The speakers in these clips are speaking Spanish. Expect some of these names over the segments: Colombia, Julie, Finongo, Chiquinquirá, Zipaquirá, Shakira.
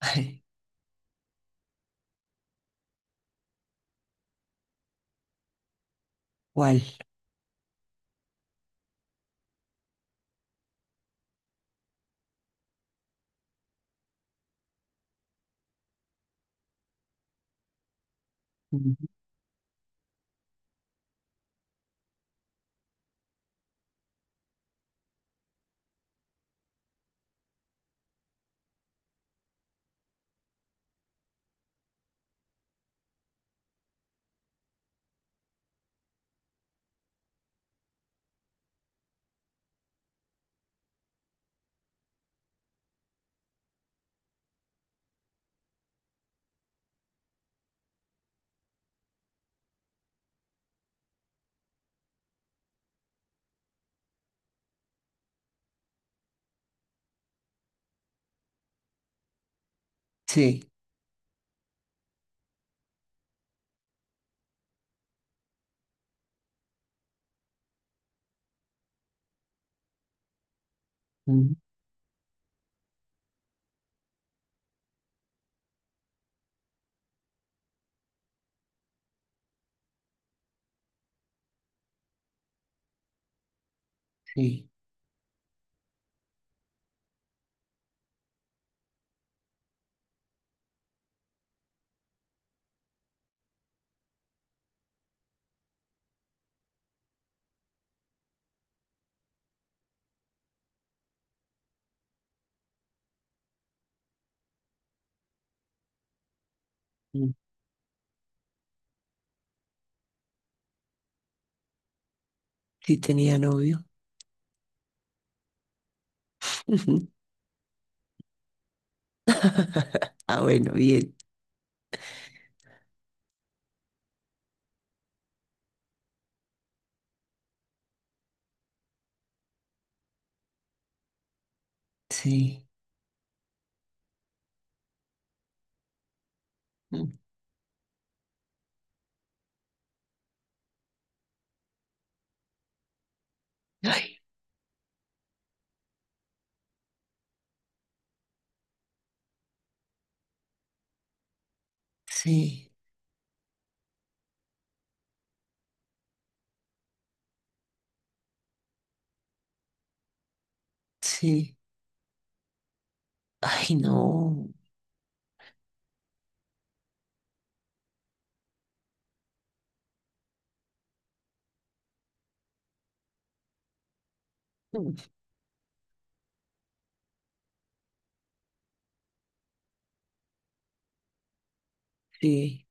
Ay, ¿cuál? Ujú. Sí, ujú, sí, ujú. Sí tenía novio. Ujú. Ah, bueno, bien. Sí. Mm. Ay, sí, sí. Ay, no. Mm. Sí,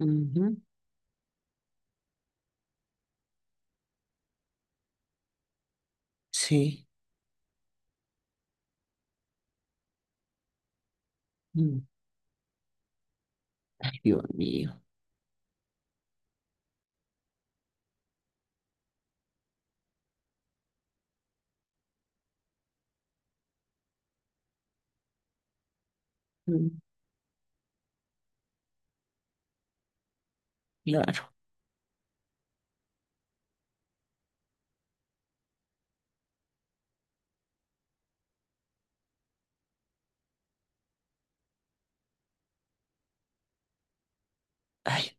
ujú, sí. Mm. Ay, Dios mío. Mm, claro. Ay,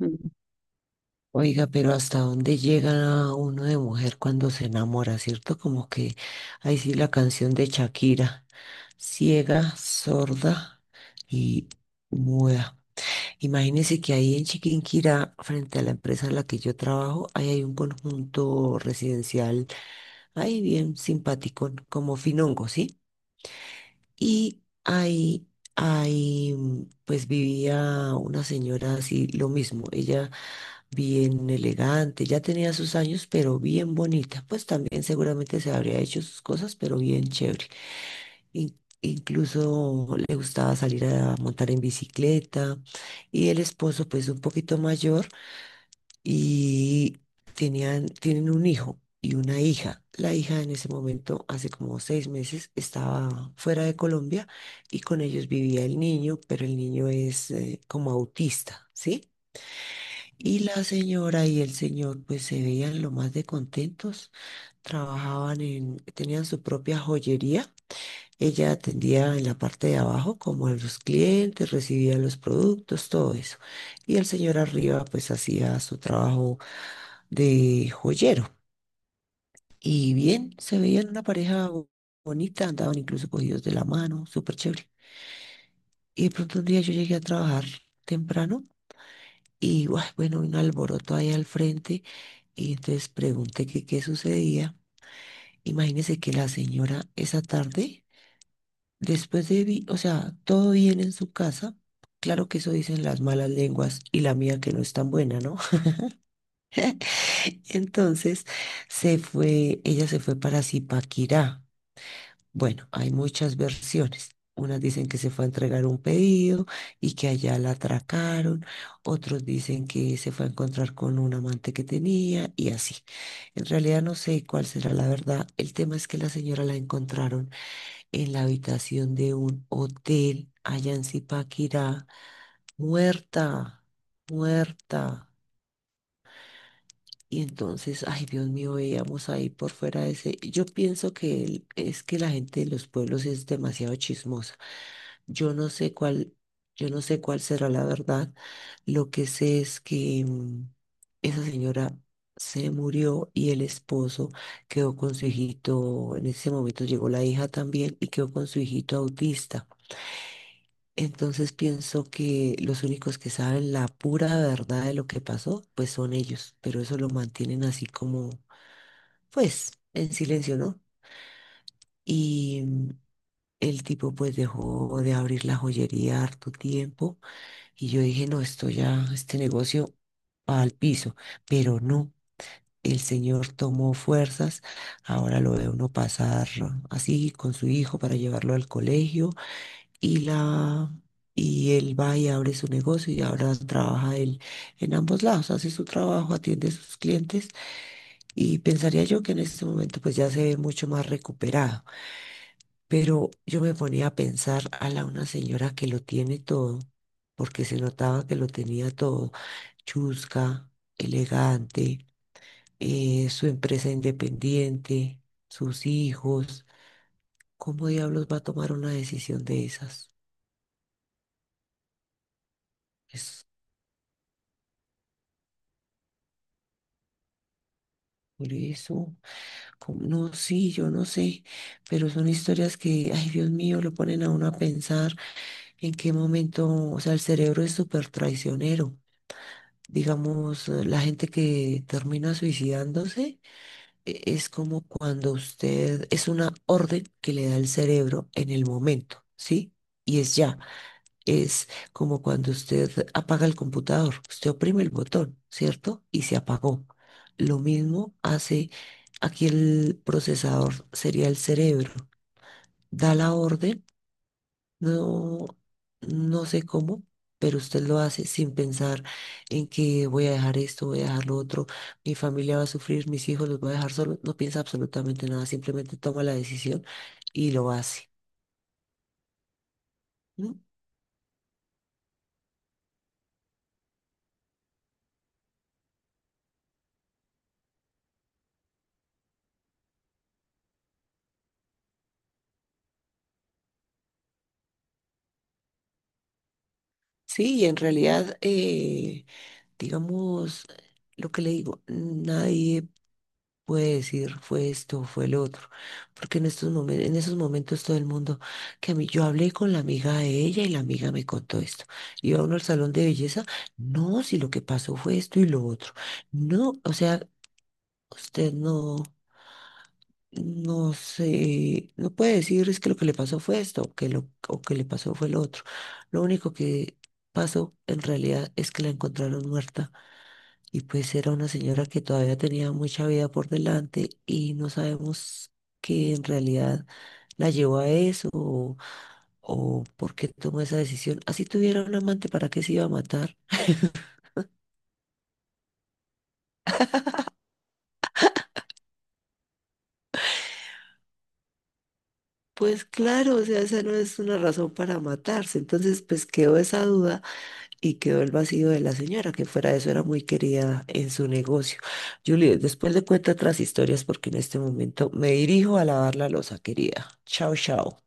mm. Oiga, pero ¿hasta dónde llega uno de mujer cuando se enamora, cierto? Como que ahí sí la canción de Shakira, ciega, sorda, y muda. Imagínense que ahí en Chiquinquirá, frente a la empresa en la que yo trabajo, ahí hay un conjunto residencial, ahí bien simpático, como Finongo, ¿sí? Y ahí, pues vivía una señora así, lo mismo, ella bien elegante, ya tenía sus años, pero bien bonita, pues también seguramente se habría hecho sus cosas, pero bien chévere. Incluso le gustaba salir a montar en bicicleta y el esposo, pues un poquito mayor y tenían, tienen un hijo y una hija. La hija en ese momento, hace como 6 meses, estaba fuera de Colombia y con ellos vivía el niño, pero el niño es como autista, ¿sí? Y la señora y el señor pues se veían lo más de contentos, trabajaban en, tenían su propia joyería, ella atendía en la parte de abajo como a los clientes, recibía los productos, todo eso. Y el señor arriba pues hacía su trabajo de joyero. Y bien, se veían una pareja bonita, andaban incluso cogidos de la mano, súper chévere. Y de pronto un día yo llegué a trabajar temprano y guay, bueno, un alboroto ahí al frente y entonces pregunté que qué sucedía. Imagínense que la señora esa tarde, después de, o sea, todo bien en su casa. Claro que eso dicen las malas lenguas y la mía que no es tan buena, ¿no? Entonces se fue, ella se fue para Zipaquirá. Bueno, hay muchas versiones. Unas dicen que se fue a entregar un pedido y que allá la atracaron. Otros dicen que se fue a encontrar con un amante que tenía y así. En realidad no sé cuál será la verdad. El tema es que la señora la encontraron en la habitación de un hotel allá en Zipaquirá, muerta, muerta. Y entonces, ay Dios mío, veíamos ahí por fuera de ese. Yo pienso que el- es que la gente de los pueblos es demasiado chismosa. Yo no sé cuál, yo no sé cuál será la verdad. Lo que sé es que esa señora se murió y el esposo quedó con su hijito. En ese momento llegó la hija también y quedó con su hijito autista. Entonces pienso que los únicos que saben la pura verdad de lo que pasó, pues son ellos, pero eso lo mantienen así como, pues, en silencio, ¿no? Y el tipo pues dejó de abrir la joyería harto tiempo y yo dije, no, esto ya, este negocio va al piso, pero no. El señor tomó fuerzas, ahora lo ve uno pasar así con su hijo para llevarlo al colegio, y la y él va y abre su negocio y ahora trabaja él en ambos lados, hace su trabajo, atiende a sus clientes y pensaría yo que en este momento pues ya se ve mucho más recuperado, pero yo me ponía a pensar a la una señora que lo tiene todo, porque se notaba que lo tenía todo, chusca, elegante, su empresa independiente, sus hijos, ¿cómo diablos va a tomar una decisión de esas? Es por eso. No, sí, yo no sé, pero son historias que, ay Dios mío, lo ponen a uno a pensar en qué momento, o sea, el cerebro es súper traicionero. Digamos, la gente que termina suicidándose es como cuando usted, es una orden que le da el cerebro en el momento, ¿sí? Y es ya. Es como cuando usted apaga el computador, usted oprime el botón, ¿cierto? Y se apagó. Lo mismo hace aquí el procesador, sería el cerebro. Da la orden, no, no sé cómo, pero usted lo hace sin pensar en que voy a dejar esto, voy a dejar lo otro, mi familia va a sufrir, mis hijos los voy a dejar solos. No piensa absolutamente nada, simplemente toma la decisión y lo hace. ¿No? Sí, y en realidad, digamos, lo que le digo, nadie puede decir fue esto, fue lo otro, porque en estos en esos momentos todo el mundo, que a mí yo hablé con la amiga de ella y la amiga me contó esto. Iba uno al salón de belleza, no, si lo que pasó fue esto y lo otro. No, o sea, usted no no sé, no puede decir es que lo que le pasó fue esto o que lo o que le pasó fue lo otro. Lo único que pasó en realidad es que la encontraron muerta y pues era una señora que todavía tenía mucha vida por delante y no sabemos que en realidad la llevó a eso, o por qué tomó esa decisión. Así tuviera un amante, ¿para qué se iba a matar? Pues claro, o sea, esa no es una razón para matarse. Entonces, pues quedó esa duda y quedó el vacío de la señora, que fuera de eso era muy querida en su negocio. Julie, después le cuento otras historias porque en este momento me dirijo a lavar la loza, querida. Chao, chao.